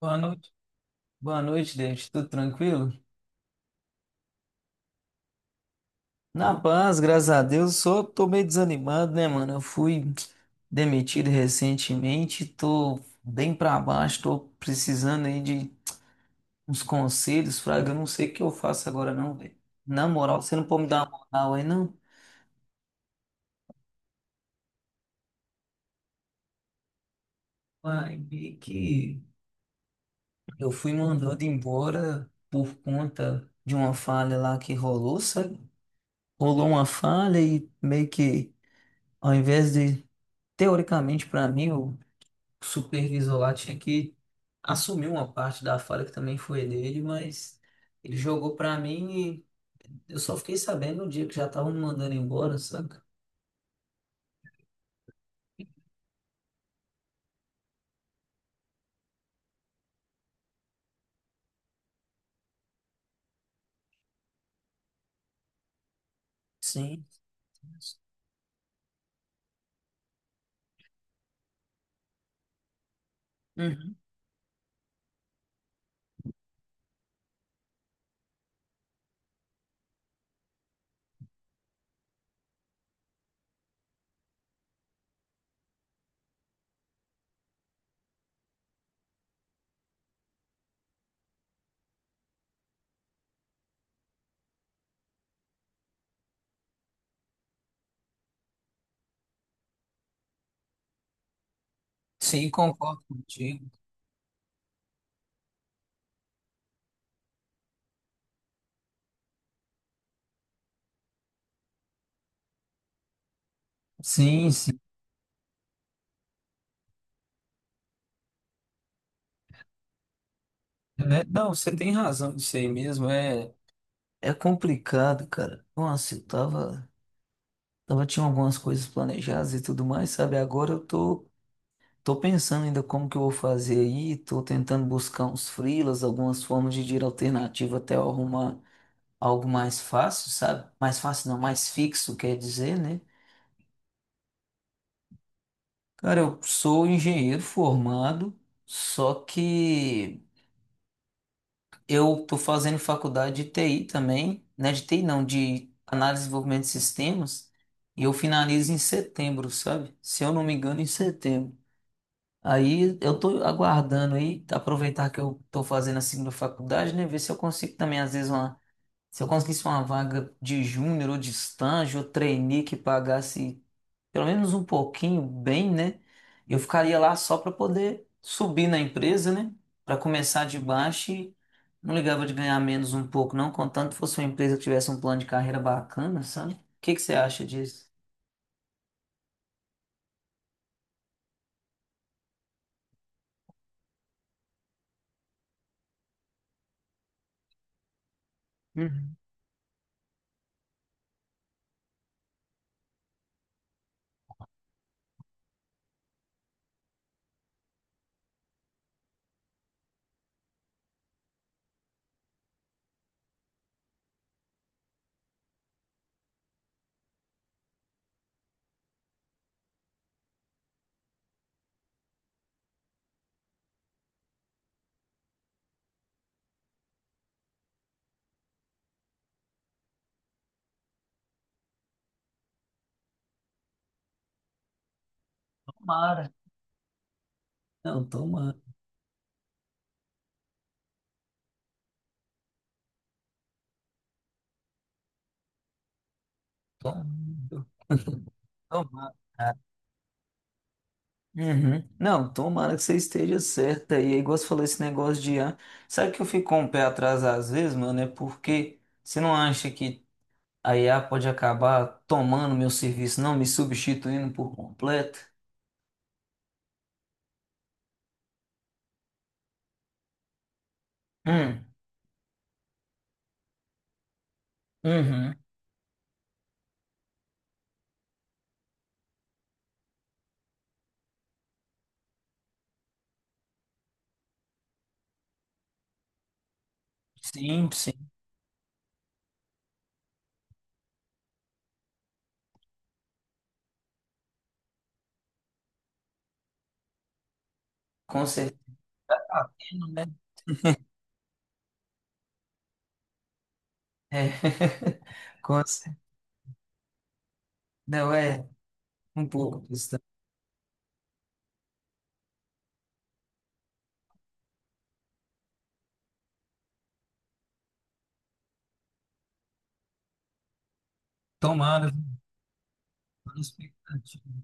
Boa noite. Boa noite, David. Tudo tranquilo? Na paz, graças a Deus. Só tô meio desanimado, né, mano? Eu fui demitido recentemente, tô bem pra baixo, tô precisando aí de uns conselhos, Fraga. Eu não sei o que eu faço agora, não, velho. Na moral, você não pode me dar uma moral aí, não? Vai ver que eu fui mandado embora por conta de uma falha lá que rolou, sabe? Rolou uma falha e meio que, ao invés de, teoricamente pra mim, eu o supervisor lá tinha que assumir uma parte da falha que também foi dele, mas ele jogou pra mim e eu só fiquei sabendo no dia que já estavam me mandando embora, saca? Sim. Uhum. Sim, concordo contigo. Sim, sim. É, não, você tem razão disso aí mesmo. É, é complicado, cara. Nossa, eu tava, tinha algumas coisas planejadas e tudo mais, sabe? Agora eu tô pensando ainda como que eu vou fazer aí, tô tentando buscar uns freelas, algumas formas de dinheiro alternativo até eu arrumar algo mais fácil, sabe? Mais fácil não, mais fixo, quer dizer, né? Cara, eu sou engenheiro formado, só que eu tô fazendo faculdade de TI também, né? De TI não, de análise e desenvolvimento de sistemas, e eu finalizo em setembro, sabe? Se eu não me engano, em setembro. Aí eu tô aguardando aí, aproveitar que eu tô fazendo a segunda faculdade, né? Ver se eu consigo também, às vezes, uma, se eu conseguisse uma vaga de júnior ou de estágio, ou trainee que pagasse pelo menos um pouquinho bem, né? Eu ficaria lá só para poder subir na empresa, né? Para começar de baixo e não ligava de ganhar menos um pouco, não, contanto fosse uma empresa que tivesse um plano de carreira bacana, sabe? O que que você acha disso? Uhum. Tomara. Não, tomara. Tomara. Tomara. Uhum. Não, tomara que você esteja certa. E aí, é igual você falou, esse negócio de IA. Sabe que eu fico com o pé atrás às vezes, mano? É porque você não acha que a IA pode acabar tomando meu serviço, não me substituindo por completo? Hum, uhum. Sim, sim. Com certeza. Tá tendo, né? É. Com certeza. Não, é um pouco disso também. Tomara, viu? Tô na expectativa.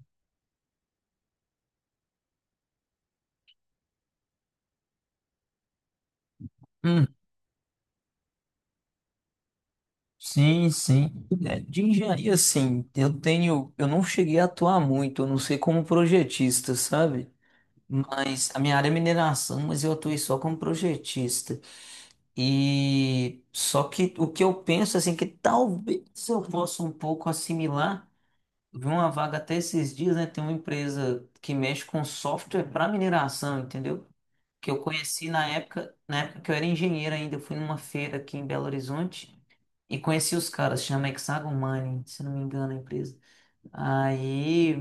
Uhum. Sim, sim. É, de engenharia, sim eu tenho, eu não cheguei a atuar muito, eu não sei como projetista, sabe? Mas a minha área é mineração, mas eu atuei só como projetista. E só que o que eu penso, assim, que talvez eu possa um pouco assimilar. Eu vi uma vaga até esses dias, né? Tem uma empresa que mexe com software para mineração, entendeu? Que eu conheci na época que eu era engenheiro ainda, eu fui numa feira aqui em Belo Horizonte e conheci os caras, chama Hexagon Mining, se não me engano a empresa. Aí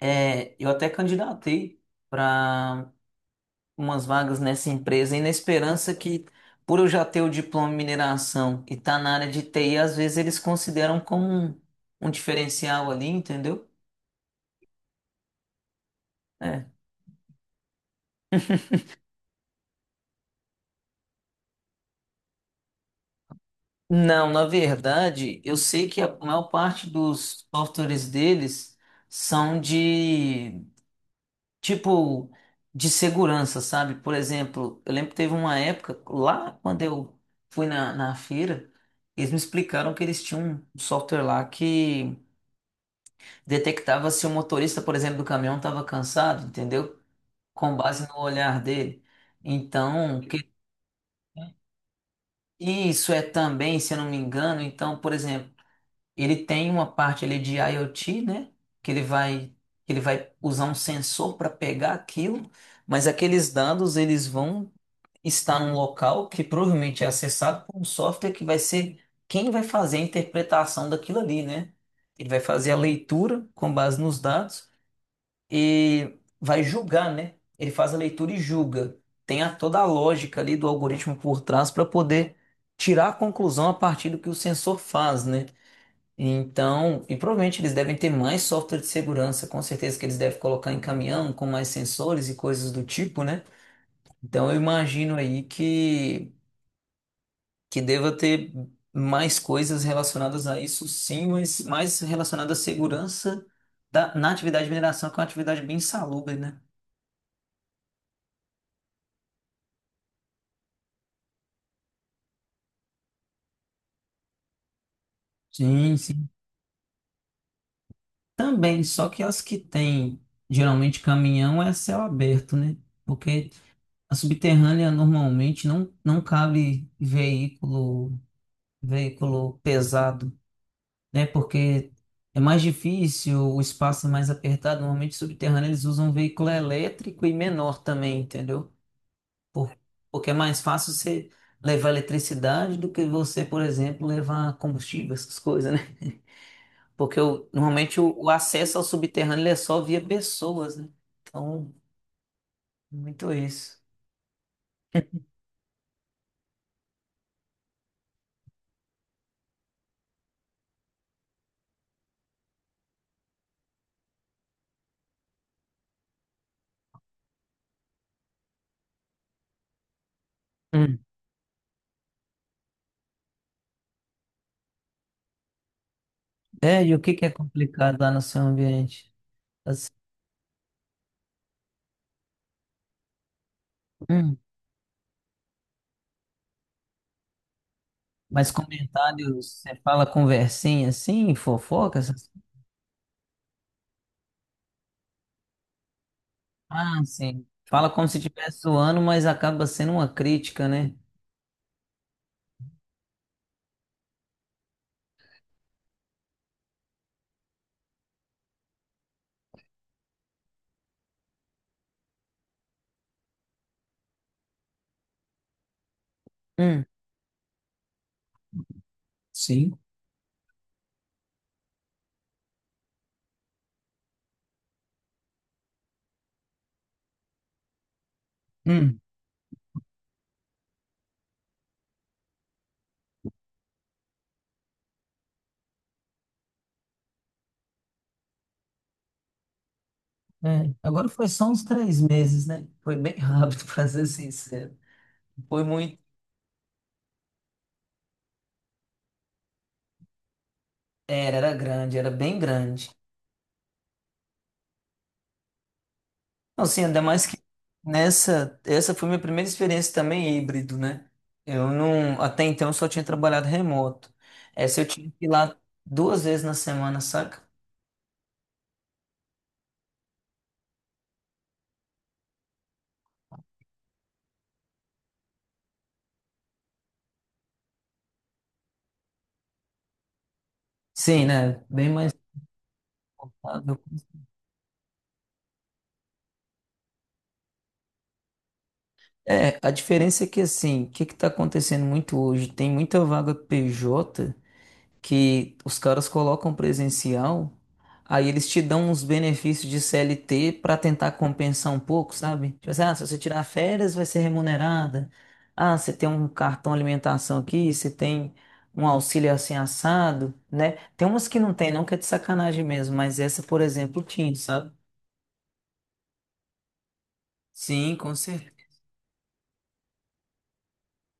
eu até candidatei para umas vagas nessa empresa e na esperança que, por eu já ter o diploma em mineração e estar tá na área de TI, às vezes eles consideram como um diferencial ali, entendeu? É, Não, na verdade, eu sei que a maior parte dos softwares deles são de tipo de segurança, sabe? Por exemplo, eu lembro que teve uma época lá quando eu fui na feira, eles me explicaram que eles tinham um software lá que detectava se o motorista, por exemplo, do caminhão estava cansado, entendeu? Com base no olhar dele. Então, isso é também, se eu não me engano, então, por exemplo. Ele tem uma parte ali de IoT, né? Que ele vai, que ele vai usar um sensor para pegar aquilo, mas aqueles dados eles vão estar num local que provavelmente é acessado por um software que vai ser quem vai fazer a interpretação daquilo ali, né? Ele vai fazer a leitura com base nos dados e vai julgar, né? Ele faz a leitura e julga. Tem toda a lógica ali do algoritmo por trás para poder tirar a conclusão a partir do que o sensor faz, né? Então, e provavelmente eles devem ter mais software de segurança, com certeza que eles devem colocar em caminhão com mais sensores e coisas do tipo, né? Então eu imagino aí que deva ter mais coisas relacionadas a isso, sim, mas mais relacionadas à segurança da, na atividade de mineração, que é uma atividade bem insalubre, né? Sim, sim. Também, só que as que têm geralmente caminhão é céu aberto, né? Porque a subterrânea normalmente não cabe veículo pesado, né? Porque é mais difícil, o espaço é mais apertado. Normalmente, subterrâneo, eles usam um veículo elétrico e menor também, entendeu? Por- porque é mais fácil você levar eletricidade do que você, por exemplo, levar combustível, essas coisas, né? Porque normalmente o acesso ao subterrâneo ele é só via pessoas, né? Então, muito isso. Hum. É, e o que que é complicado lá no seu ambiente? Assim, mas comentários, você fala conversinha assim, fofoca, essas... Ah, sim. Fala como se estivesse zoando, mas acaba sendo uma crítica, né? Hum, sim. Hum, é. Agora foi só uns 3 meses, né? Foi bem rápido, pra ser sincero. Foi muito. Era grande, era bem grande. Então, assim, ainda mais que nessa. Essa foi minha primeira experiência também híbrido, né? Eu não. Até então eu só tinha trabalhado remoto. Essa eu tinha que ir lá 2 vezes na semana, saca? Sim, né? Bem mais rentável. É, a diferença é que assim, o que que tá acontecendo muito hoje? Tem muita vaga PJ que os caras colocam presencial, aí eles te dão uns benefícios de CLT para tentar compensar um pouco, sabe? Tipo assim, ah, se você tirar férias, vai ser remunerada. Ah, você tem um cartão alimentação aqui, você tem um auxílio assim assado, né? Tem umas que não tem, não que é de sacanagem mesmo, mas essa, por exemplo, tinha, sabe? Sim, com certeza.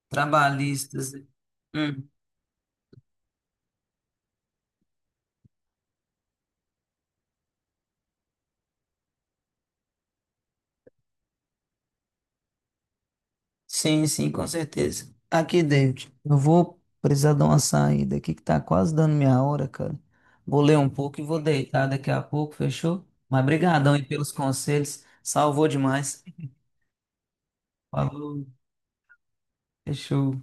Trabalhistas. Hum, sim, sim, com certeza. Aqui, David, eu vou precisar dar uma saída aqui que tá quase dando minha hora, cara. Vou ler um pouco e vou deitar daqui a pouco, fechou? Mas brigadão aí pelos conselhos, salvou demais. Falou, fechou.